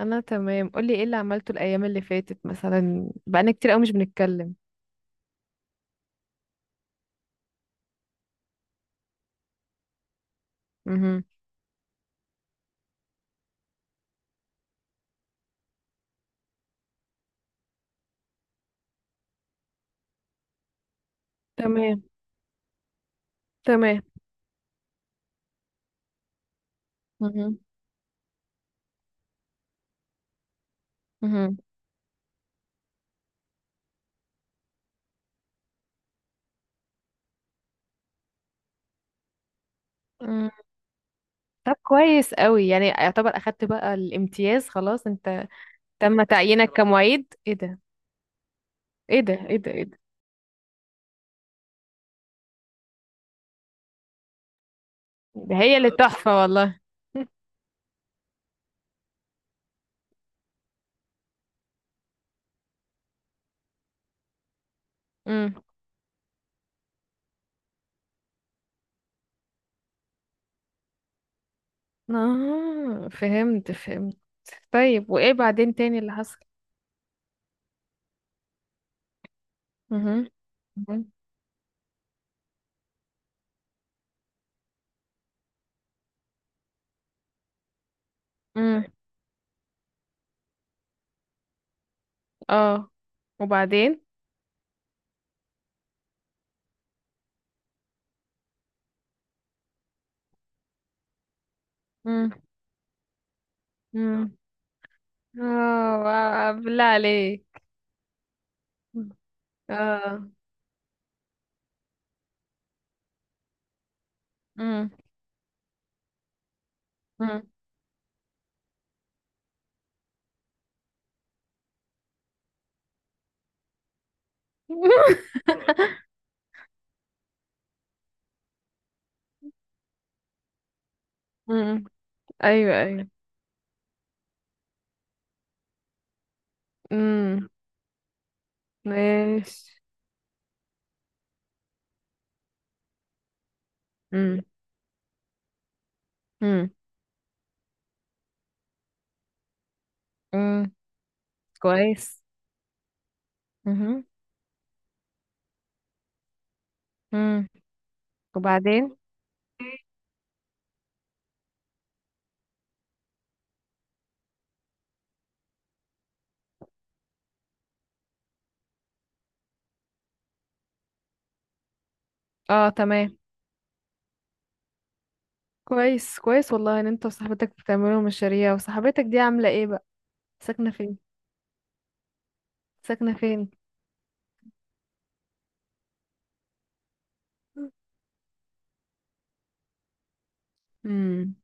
انا تمام. قولي ايه اللي عملته الايام اللي فاتت؟ مثلا بقالنا كتير قوي مش بنتكلم. مهم. تمام. تمام. مهم. مهم. مم. طب كويس قوي، يعني يعتبر اخدت بقى الامتياز خلاص انت؟ تم تعيينك كمعيد؟ ايه ده؟ ايه ده ايه ده ايه ده! ده هي اللي تحفة والله. مم. اه فهمت فهمت. طيب وايه بعدين تاني اللي حصل؟ مهم. مهم. امم. اه. وبعدين؟ مم. اه، واو، بالله عليك. اه. امم. امم. امم. ايوه ايوه. امم. ماشي. امم. امم. امم. كويس. امم. امم. وبعدين؟ اه تمام. كويس كويس والله، ان انت وصاحبتك بتعملوا مشاريع. وصاحبتك دي عامله ايه بقى؟ ساكنه فين؟ ساكنه فين؟ امم.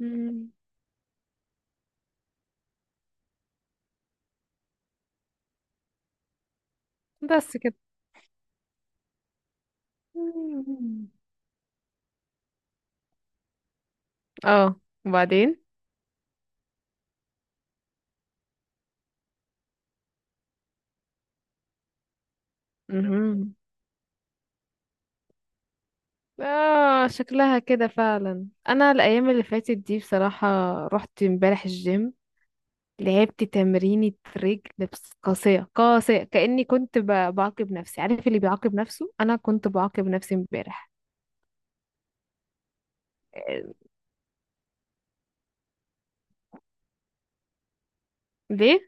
امم. بس كده؟ مم. اه. وبعدين؟ مهم. اه، شكلها كده فعلا. انا الايام اللي فاتت دي بصراحة، رحت امبارح الجيم، لعبت تمرينة رجل، بس قاسية قاسية، كأني بعاقب نفسي. عارف اللي بيعاقب نفسه؟ انا كنت بعاقب نفسي امبارح. آه، ليه؟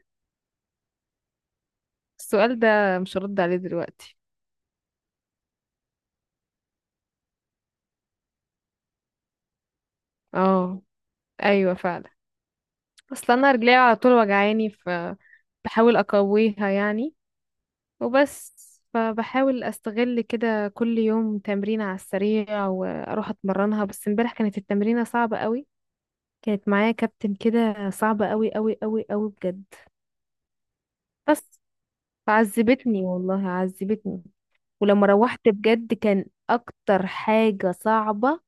السؤال ده مش هرد عليه دلوقتي. اه ايوه فعلا. اصل انا رجلي على طول وجعاني، فبحاول اقويها يعني. وبس. فبحاول استغل كده كل يوم تمرين على السريع واروح اتمرنها، بس امبارح كانت التمرينة صعبة قوي. كانت معايا كابتن كده صعبة قوي قوي قوي قوي بجد. بس عذبتني والله، عذبتني. ولما روحت بجد، كان اكتر حاجة صعبة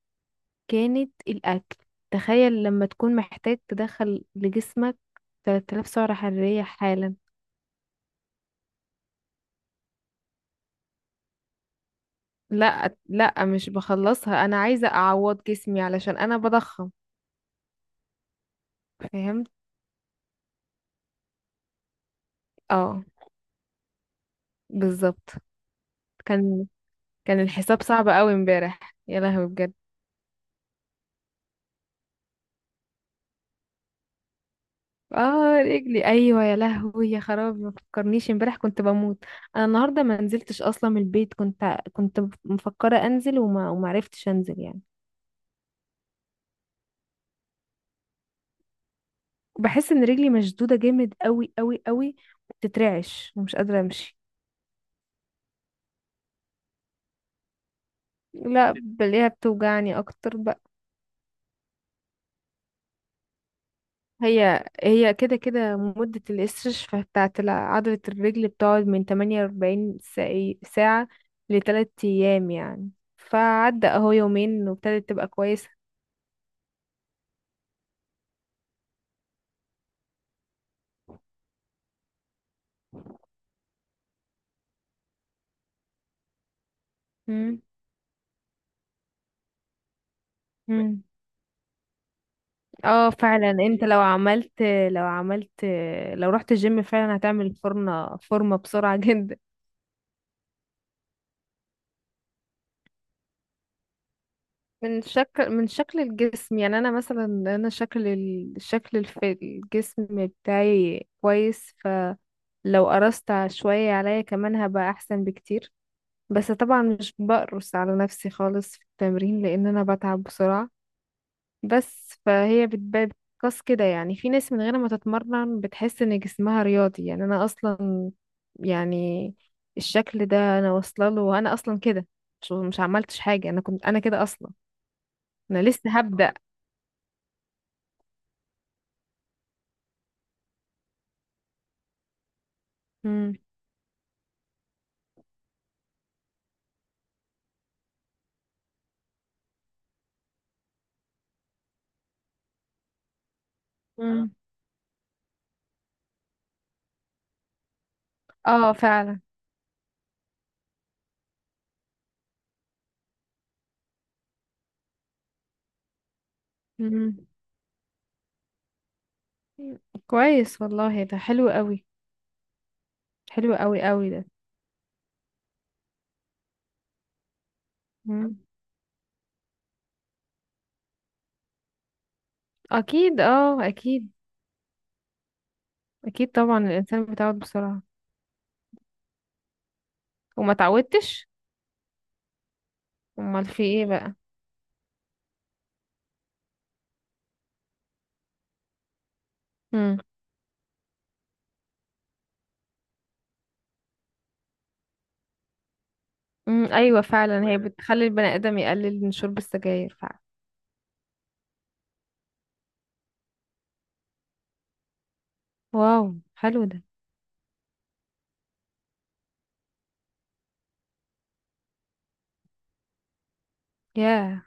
كانت الاكل. تخيل لما تكون محتاج تدخل لجسمك 3000 سعرة حرارية حالا. لا لا، مش بخلصها، انا عايزة اعوض جسمي علشان انا بضخم. فهمت. اه بالظبط. كان الحساب صعب قوي امبارح، يا لهوي بجد. اه، رجلي ايوه يا لهوي، يا خرابي، ما فكرنيش امبارح، كنت بموت. انا النهارده ما نزلتش اصلا من البيت، كنت مفكره انزل وما عرفتش انزل يعني. بحس ان رجلي مشدوده جامد قوي قوي قوي، بتترعش ومش قادره امشي. لا، بلاقيها بتوجعني اكتر بقى. هي كده كده، مدة الاستشفاء بتاعت عضلة الرجل بتقعد من 48 ساعة لتلات أيام يعني. فعدى أهو يومين وابتدت تبقى كويسة. مم. مم. اه فعلا. انت لو عملت لو رحت الجيم فعلا، هتعمل فورمة فورمة بسرعة جدا. من شكل الجسم يعني. انا مثلا، انا شكل الشكل الجسم بتاعي كويس. لو قرصت شوية عليا كمان هبقى أحسن بكتير. بس طبعا مش بقرص على نفسي خالص في التمرين، لأن أنا بتعب بسرعة. بس فهي بتبان، بتقاس كده يعني. في ناس من غير ما تتمرن بتحس إن جسمها رياضي. يعني أنا أصلا، يعني الشكل ده أنا واصلة له، وأنا أصلا كده، مش عملتش حاجة، أنا كنت، أنا كده أصلا. أنا لسه هبدأ. مم. مم. اه فعلا. مم. كويس والله، ده حلو قوي. حلو قوي قوي ده. مم. اكيد اه اكيد. اكيد طبعا الانسان بيتعود بسرعه. وما تعودتش؟ امال في ايه بقى؟ امم. امم. ايوه فعلا، هي بتخلي البني ادم يقلل من شرب السجاير فعلا. واو، حلو ده. ياه.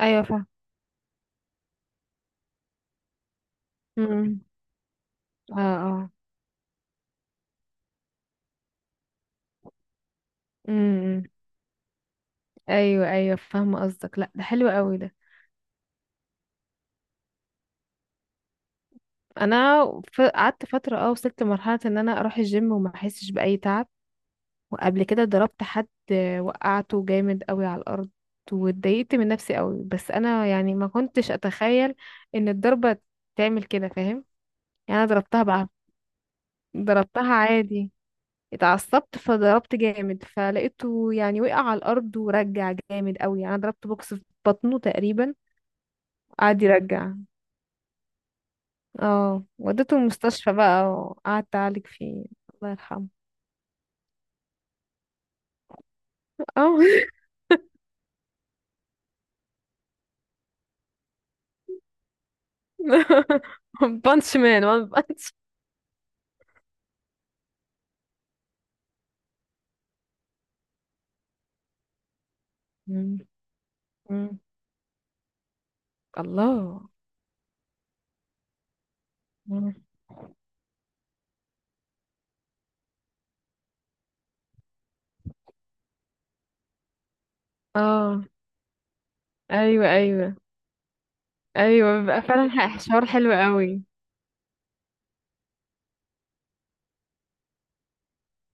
ايوه فاهم. امم. اه. اه. امم. ايوه ايوه، فاهمه قصدك. لا ده حلو قوي ده. انا قعدت فتره، اه وصلت لمرحله ان انا اروح الجيم وما احسش باي تعب. وقبل كده ضربت حد، وقعته جامد قوي على الارض، واتضايقت من نفسي قوي. بس انا يعني ما كنتش اتخيل ان الضربة تعمل كده، فاهم؟ يعني انا ضربتها بقى، ضربتها عادي، اتعصبت فضربت جامد، فلقيته يعني وقع على الارض ورجع جامد قوي. يعني انا ضربت بوكس في بطنه تقريبا، قعد يرجع. اه، وديته المستشفى بقى وقعدت اعالج فيه. الله يرحمه. اه. بانش مان وان بانش. الله. مم. اه. ايوه ايوه. ايوه بيبقى فعلا حوار حلو قوي.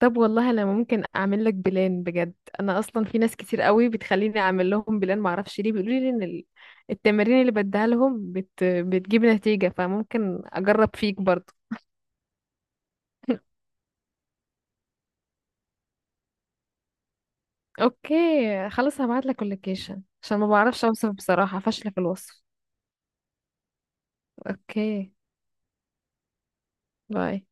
طب والله انا ممكن اعمل لك بلان بجد. انا اصلا في ناس كتير قوي بتخليني اعمل لهم بلان، ما اعرفش ليه، بيقولوا لي ان التمارين اللي بديها لهم بتجيب نتيجة. فممكن اجرب فيك برضو. اوكي خلاص، هبعت لك اللوكيشن عشان ما بعرفش اوصف، بصراحة فاشلة في الوصف. اوكي باي.